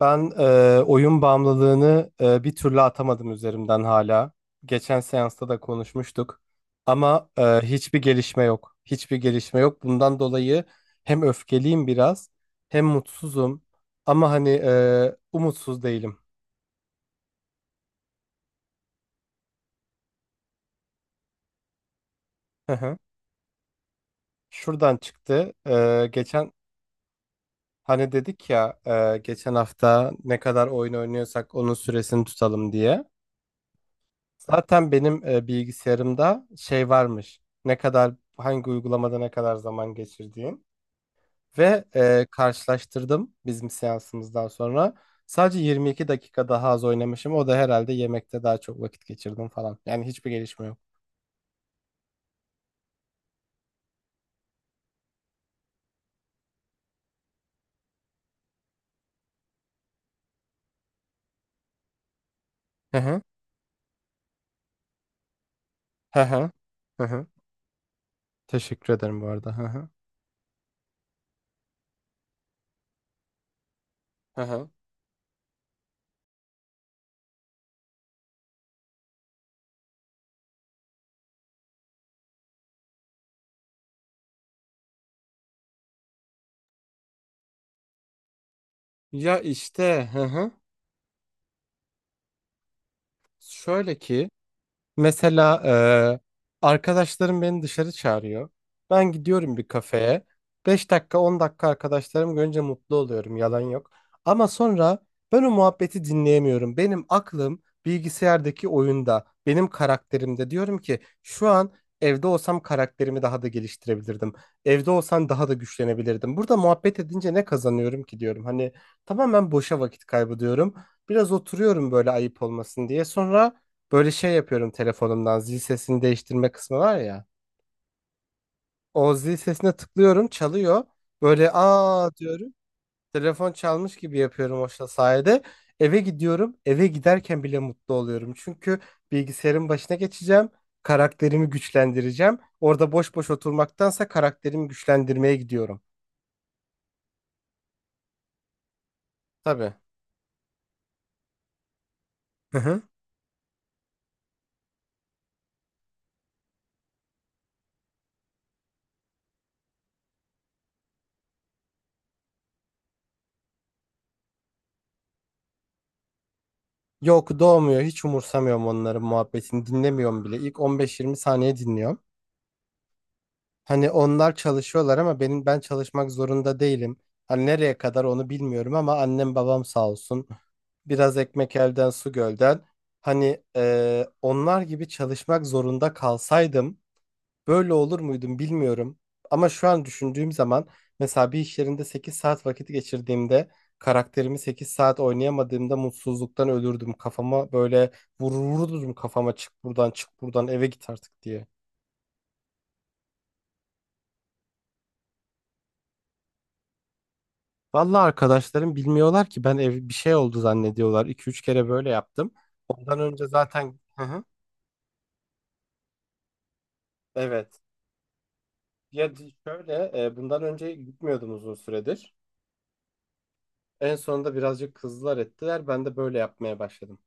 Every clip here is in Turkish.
Ben oyun bağımlılığını bir türlü atamadım üzerimden hala. Geçen seansta da konuşmuştuk. Ama hiçbir gelişme yok. Hiçbir gelişme yok. Bundan dolayı hem öfkeliyim biraz, hem mutsuzum. Ama hani umutsuz değilim. Hı hı. Şuradan çıktı. E, geçen hani dedik ya, geçen hafta ne kadar oyun oynuyorsak onun süresini tutalım diye. Zaten benim bilgisayarımda şey varmış. Ne kadar hangi uygulamada ne kadar zaman geçirdiğin ve karşılaştırdım bizim seansımızdan sonra. Sadece 22 dakika daha az oynamışım. O da herhalde yemekte daha çok vakit geçirdim falan. Yani hiçbir gelişme yok. Hı hı. Hı hı. Hı hı. Teşekkür ederim bu arada. Hı hı. Hı hı. Ya işte, hı hı. Şöyle ki, mesela arkadaşlarım beni dışarı çağırıyor. Ben gidiyorum bir kafeye. 5 dakika, 10 dakika arkadaşlarım görünce mutlu oluyorum, yalan yok. Ama sonra ben o muhabbeti dinleyemiyorum. Benim aklım bilgisayardaki oyunda, benim karakterimde, diyorum ki şu an evde olsam karakterimi daha da geliştirebilirdim. Evde olsam daha da güçlenebilirdim. Burada muhabbet edince ne kazanıyorum ki diyorum. Hani tamamen boşa vakit kaybı diyorum. Biraz oturuyorum böyle ayıp olmasın diye. Sonra böyle şey yapıyorum, telefonumdan zil sesini değiştirme kısmı var ya. O zil sesine tıklıyorum, çalıyor. Böyle aa diyorum. Telefon çalmış gibi yapıyorum o sayede. Eve gidiyorum. Eve giderken bile mutlu oluyorum. Çünkü bilgisayarın başına geçeceğim. Karakterimi güçlendireceğim. Orada boş boş oturmaktansa karakterimi güçlendirmeye gidiyorum. Tabii. Hı hı. Yok, doğmuyor. Hiç umursamıyorum onların muhabbetini. Dinlemiyorum bile. İlk 15-20 saniye dinliyorum. Hani onlar çalışıyorlar ama benim ben çalışmak zorunda değilim. Hani nereye kadar onu bilmiyorum ama annem babam sağ olsun. Biraz ekmek elden su gölden. Hani onlar gibi çalışmak zorunda kalsaydım böyle olur muydum bilmiyorum. Ama şu an düşündüğüm zaman mesela bir iş yerinde 8 saat vakit geçirdiğimde, karakterimi 8 saat oynayamadığımda mutsuzluktan ölürdüm. Kafama böyle vururdum, kafama çık buradan, çık buradan, eve git artık diye. Vallahi arkadaşlarım bilmiyorlar ki, ben ev bir şey oldu zannediyorlar. İki üç kere böyle yaptım. Ondan önce zaten. Hı hı. Evet. Ya şöyle, bundan önce gitmiyordum uzun süredir. En sonunda birazcık kızlar ettiler. Ben de böyle yapmaya başladım.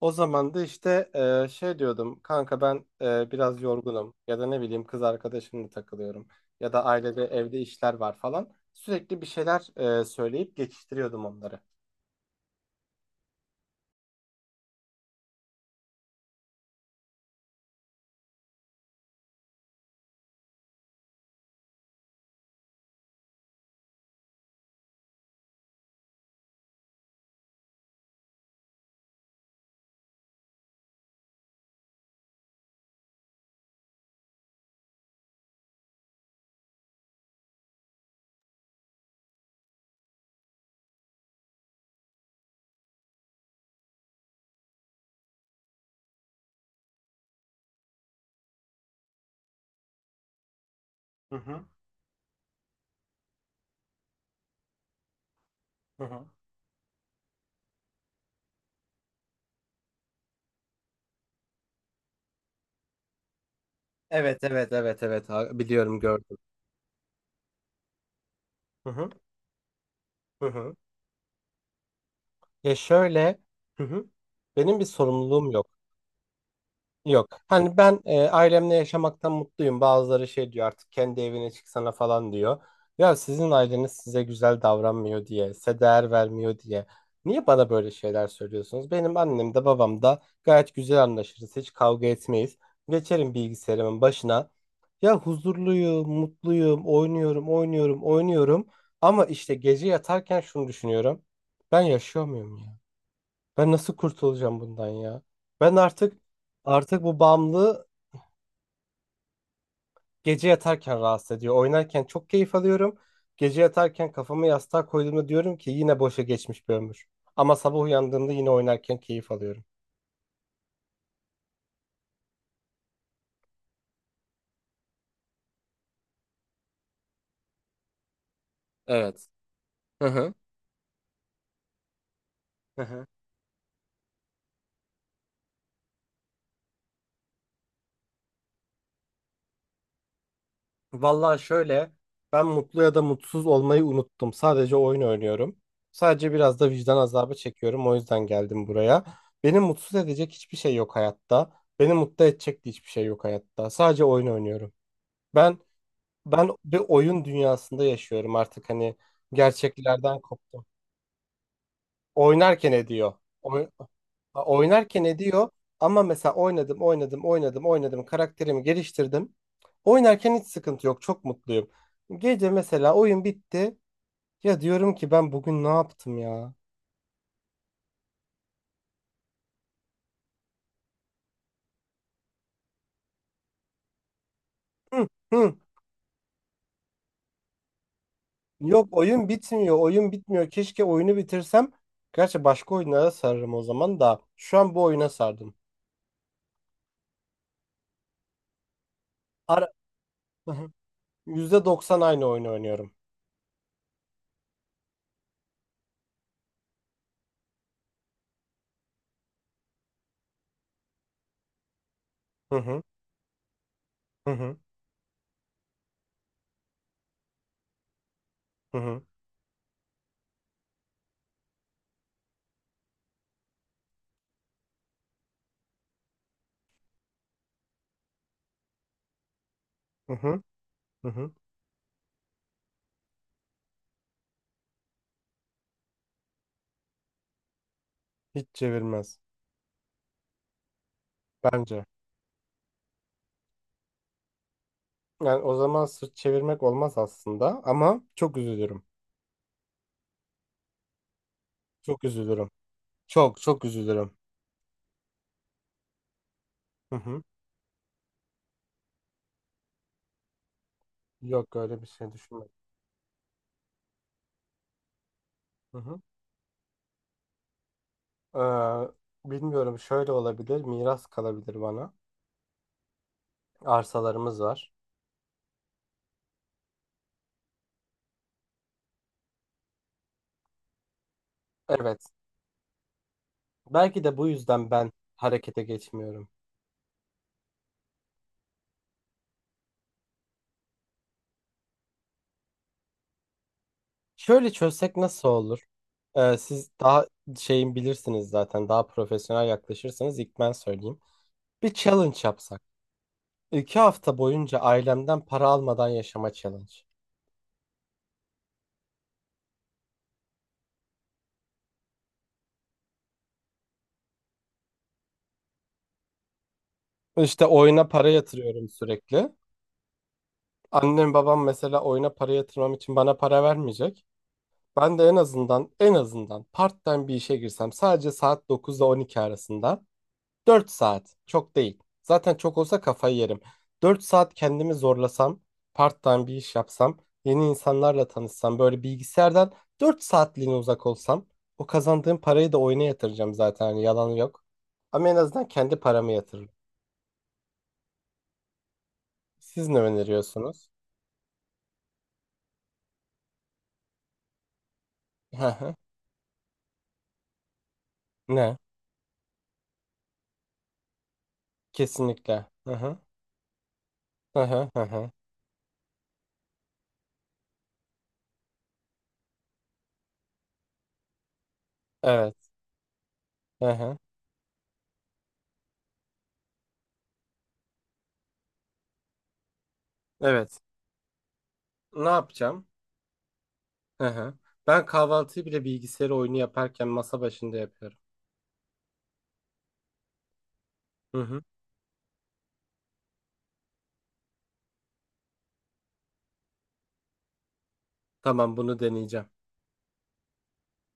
O zaman da işte şey diyordum. Kanka, ben biraz yorgunum, ya da ne bileyim kız arkadaşımla takılıyorum, ya da ailede evde işler var falan. Sürekli bir şeyler söyleyip geçiştiriyordum onları. Hı hı. Hı hı. Evet, evet, evet, evet. Biliyorum, gördüm. Hı hı. Hı hı. Ya, şöyle. Hı hı. Benim bir sorumluluğum yok. Yok. Hani ben ailemle yaşamaktan mutluyum. Bazıları şey diyor, artık kendi evine çıksana falan diyor. Ya, sizin aileniz size güzel davranmıyor diye, size değer vermiyor diye. Niye bana böyle şeyler söylüyorsunuz? Benim annem de babam da gayet güzel anlaşırız. Hiç kavga etmeyiz. Geçerim bilgisayarımın başına. Ya huzurluyum, mutluyum, oynuyorum, oynuyorum, oynuyorum. Ama işte gece yatarken şunu düşünüyorum. Ben yaşıyor muyum ya? Ben nasıl kurtulacağım bundan ya? Ben artık bu bağımlılığı gece yatarken rahatsız ediyor. Oynarken çok keyif alıyorum. Gece yatarken kafamı yastığa koyduğumda diyorum ki yine boşa geçmiş bir ömür. Ama sabah uyandığımda yine oynarken keyif alıyorum. Evet. Hı hı. Hı hı. Vallahi şöyle, ben mutlu ya da mutsuz olmayı unuttum. Sadece oyun oynuyorum. Sadece biraz da vicdan azabı çekiyorum. O yüzden geldim buraya. Beni mutsuz edecek hiçbir şey yok hayatta. Beni mutlu edecek de hiçbir şey yok hayatta. Sadece oyun oynuyorum. Ben ben bir oyun dünyasında yaşıyorum artık, hani gerçeklerden koptum. Oynarken ediyor. Oy- Oynarken ediyor ama mesela oynadım, oynadım, oynadım, oynadım. Karakterimi geliştirdim. Oynarken hiç sıkıntı yok. Çok mutluyum. Gece mesela oyun bitti. Ya diyorum ki ben bugün ne yaptım ya? Hı, hı. Yok, oyun bitmiyor. Oyun bitmiyor. Keşke oyunu bitirsem. Gerçi başka oyunlara sararım o zaman da. Şu an bu oyuna sardım. Ara... %90 aynı oyunu oynuyorum. Hı hı, hı hı, hı hı, hı hı, hı hı. Hiç çevirmez bence. Yani o zaman sırt çevirmek olmaz aslında ama çok üzülürüm. Çok üzülürüm. Çok çok üzülürüm. Hı hı. Yok, öyle bir şey düşünmedim. Hı hı. Bilmiyorum, şöyle olabilir. Miras kalabilir bana. Arsalarımız var. Evet. Belki de bu yüzden ben harekete geçmiyorum. Şöyle çözsek nasıl olur? Siz daha şeyin bilirsiniz zaten. Daha profesyonel yaklaşırsanız, ilk ben söyleyeyim. Bir challenge yapsak. 2 hafta boyunca ailemden para almadan yaşama challenge. İşte oyuna para yatırıyorum sürekli. Annem babam mesela oyuna para yatırmam için bana para vermeyecek. Ben de en azından part-time bir işe girsem, sadece saat 9 ile 12 arasında. 4 saat çok değil. Zaten çok olsa kafayı yerim. 4 saat kendimi zorlasam, part-time bir iş yapsam, yeni insanlarla tanışsam, böyle bilgisayardan 4 saatliğine uzak olsam, o kazandığım parayı da oyuna yatıracağım zaten, hani yalan yok. Ama en azından kendi paramı yatırırım. Siz ne öneriyorsunuz? Hı hı. Ne? Kesinlikle. Hı hı. Hı hı, hı hı. Evet. Hı hı. Evet. Ne yapacağım? Hı hı. Ben kahvaltıyı bile bilgisayar oyunu yaparken masa başında yapıyorum. Hı hı. Tamam, bunu deneyeceğim.